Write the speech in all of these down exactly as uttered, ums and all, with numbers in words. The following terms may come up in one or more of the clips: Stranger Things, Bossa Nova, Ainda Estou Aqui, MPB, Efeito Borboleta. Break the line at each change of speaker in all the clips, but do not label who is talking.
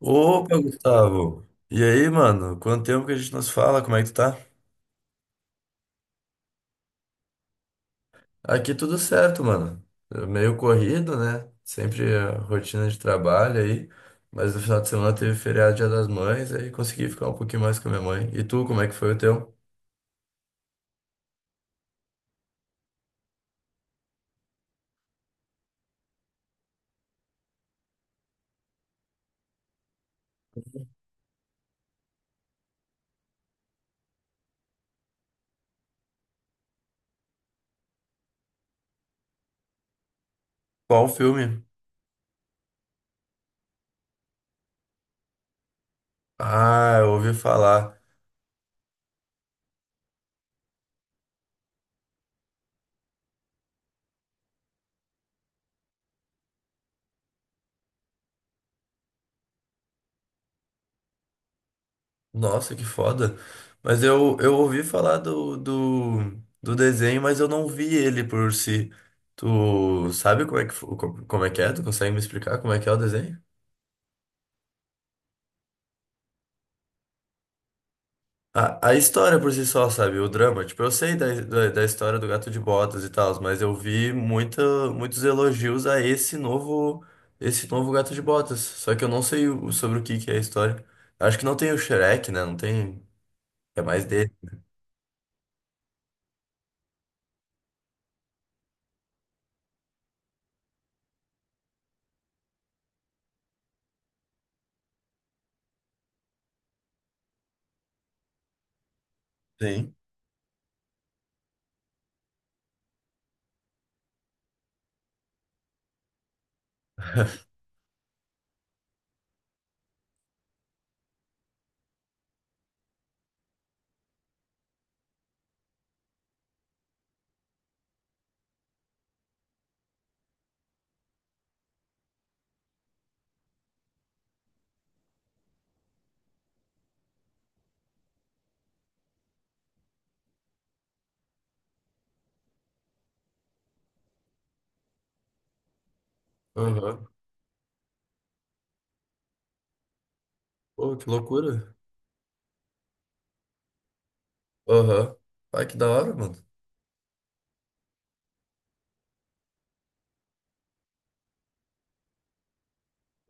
Opa, Gustavo. E aí, mano? Quanto tempo que a gente nos fala? Como é que tu tá? Aqui tudo certo, mano. É Meio corrido, né? Sempre a rotina de trabalho aí. Mas no final de semana teve feriado Dia das Mães, aí consegui ficar um pouquinho mais com a minha mãe. E tu, como é que foi o teu? Qual filme? Ah, eu ouvi falar. Nossa, que foda. Mas eu, eu ouvi falar do, do, do desenho, mas eu não vi ele por si. Tu sabe como é que, fo- co- como é que é? Tu consegue me explicar como é que é o desenho? A, a história por si só, sabe? O drama. Tipo, eu sei da, da, da história do Gato de Botas e tal, mas eu vi muita, muitos elogios a esse novo, esse novo Gato de Botas. Só que eu não sei o- sobre o que que é a história. Acho que não tem o Shrek, né? Não tem. É mais dele. Sim. Aham. Pô, que loucura. Aham. Ai, que da hora, mano.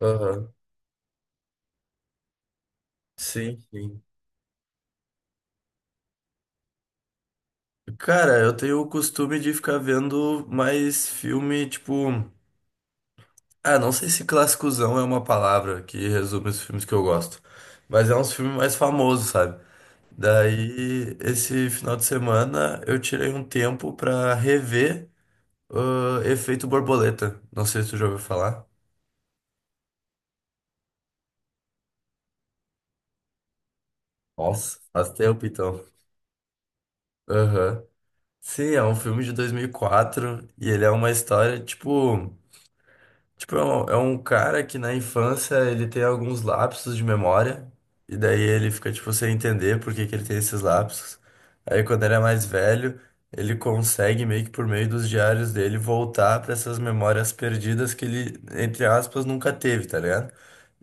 Aham. Sim, sim. Cara, eu tenho o costume de ficar vendo mais filme, tipo. Ah, não sei se clássicozão é uma palavra que resume os filmes que eu gosto, mas é uns filmes mais famosos, sabe? Daí, esse final de semana, eu tirei um tempo pra rever ah, Efeito Borboleta. Não sei se tu já ouviu falar. Nossa, faz tempo então. Aham. Sim, é um filme de dois mil e quatro e ele é uma história, tipo. Tipo, é um, é um cara que na infância ele tem alguns lapsos de memória, e daí ele fica, tipo, sem entender por que que ele tem esses lapsos. Aí quando ele é mais velho, ele consegue, meio que por meio dos diários dele, voltar para essas memórias perdidas que ele, entre aspas, nunca teve, tá ligado?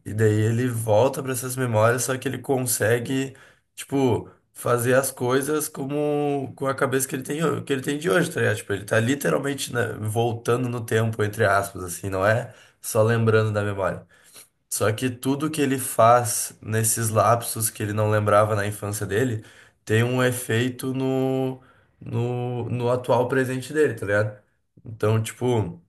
E daí ele volta para essas memórias, só que ele consegue, tipo, fazer as coisas como com a cabeça que ele tem, ho- que ele tem de hoje, tá ligado? Tipo, ele tá literalmente, né, voltando no tempo, entre aspas, assim, não é só lembrando da memória. Só que tudo que ele faz nesses lapsos que ele não lembrava na infância dele tem um efeito no, no, no atual presente dele, tá ligado? Então, tipo.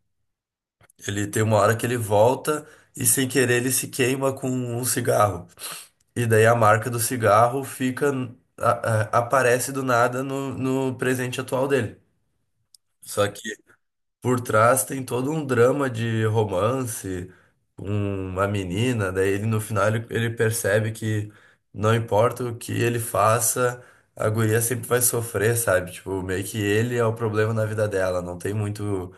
Ele tem uma hora que ele volta e sem querer ele se queima com um cigarro. E daí a marca do cigarro fica a- a- aparece do nada no, no presente atual dele. Só que por trás tem todo um drama de romance com uma menina, daí ele no final ele, ele percebe que não importa o que ele faça, a guria sempre vai sofrer, sabe? Tipo, meio que ele é o problema na vida dela, não tem muito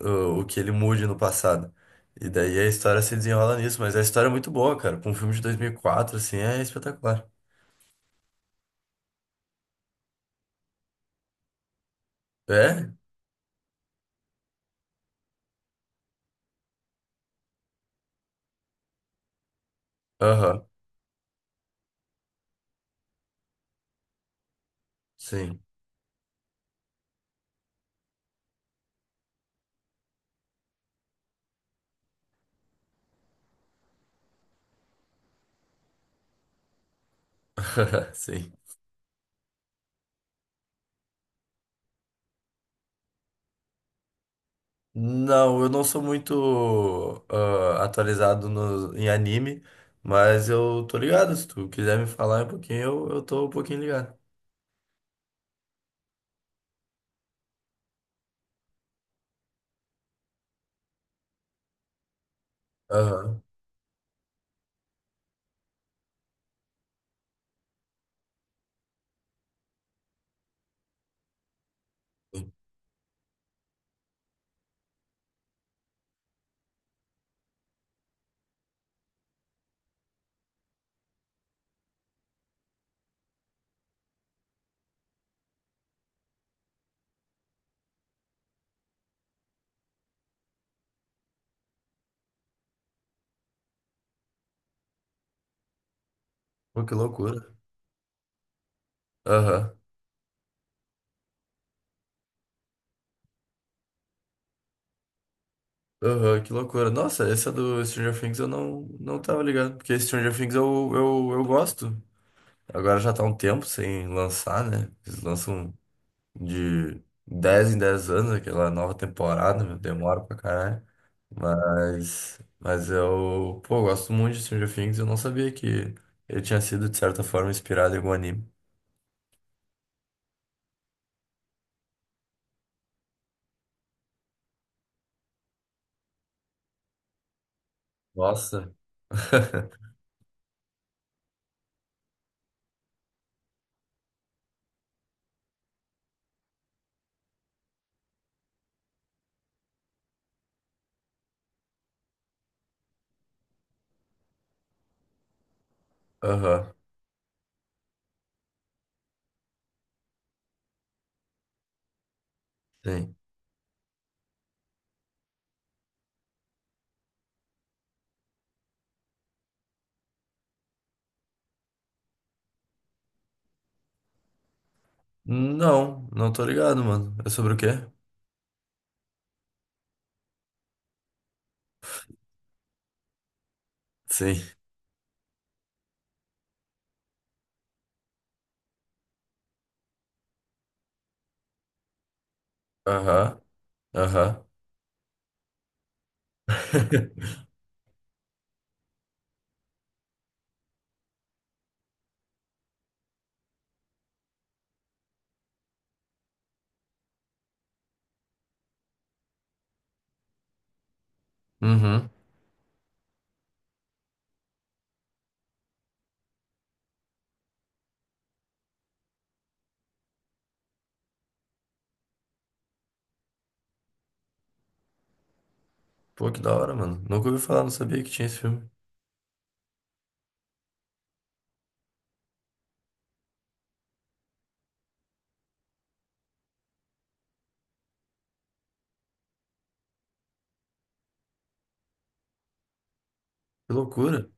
o, o que ele mude no passado. E daí a história se desenrola nisso, mas a história é muito boa, cara. Com um filme de dois mil e quatro, assim, é espetacular. É? Aham, sim. Sim. Não, eu não sou muito ah, atualizado no, em anime, mas eu tô ligado. Se tu quiser me falar um pouquinho, eu, eu tô um pouquinho ligado. Aham. Sim. Pô, que loucura. Aham. Aham, que loucura. Nossa, essa do Stranger Things eu não, não tava ligado. Porque Stranger Things eu, eu, eu gosto. Agora já tá um tempo sem lançar, né? Eles lançam de dez em dez anos aquela nova temporada, meu, demora pra caralho. Mas, mas eu, pô, eu gosto muito de Stranger Things, eu não sabia que ele tinha sido, de certa forma, inspirado em algum anime. Nossa. Aham, sim. Não, não tô ligado, mano. É sobre o quê? Sim. Aham, aham. Uhum. Pô, que da hora, mano. Nunca ouvi falar, não sabia que tinha esse filme. Que loucura.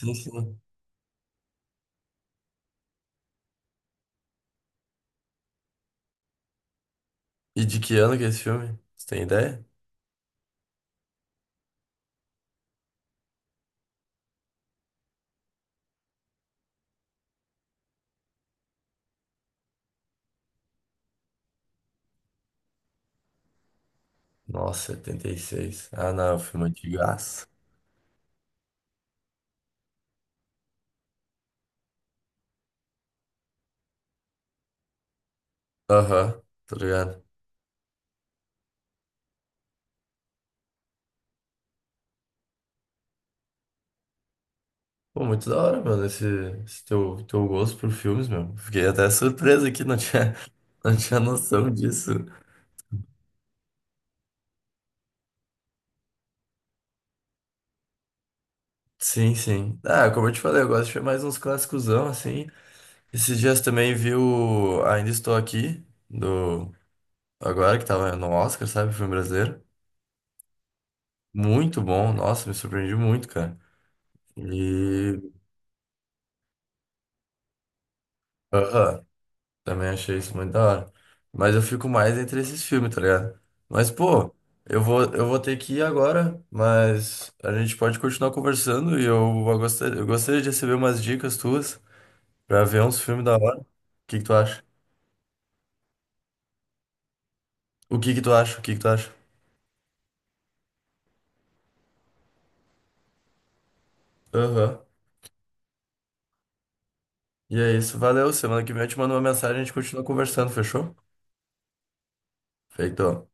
Sim, sim. E de que ano que é esse filme? Você tem ideia? Nossa, setenta e seis. Ah, não, é um filme antigaço. Aham, tá ligado? Pô, muito da hora, mano, esse, esse teu, teu gosto por filmes, meu. Fiquei até surpreso aqui, não tinha, não tinha noção disso. Sim, sim. Ah, como eu te falei, eu gosto de ver mais uns clássicosão, assim. Esses dias também vi o Ainda Estou Aqui, do... Agora que tava no Oscar, sabe? Filme brasileiro. Muito bom. Nossa, me surpreendi muito, cara. E... Aham. Também achei isso muito da hora. Mas eu fico mais entre esses filmes, tá ligado? Mas, pô, eu vou, eu vou ter que ir agora, mas a gente pode continuar conversando e eu, eu gostaria, eu gostaria de receber umas dicas tuas pra ver uns filmes da hora. O que que tu acha? O que que tu acha? O que que tu acha? Aham. E é isso. Valeu. Semana que vem eu te mando uma mensagem e a gente continua conversando, fechou? Feito.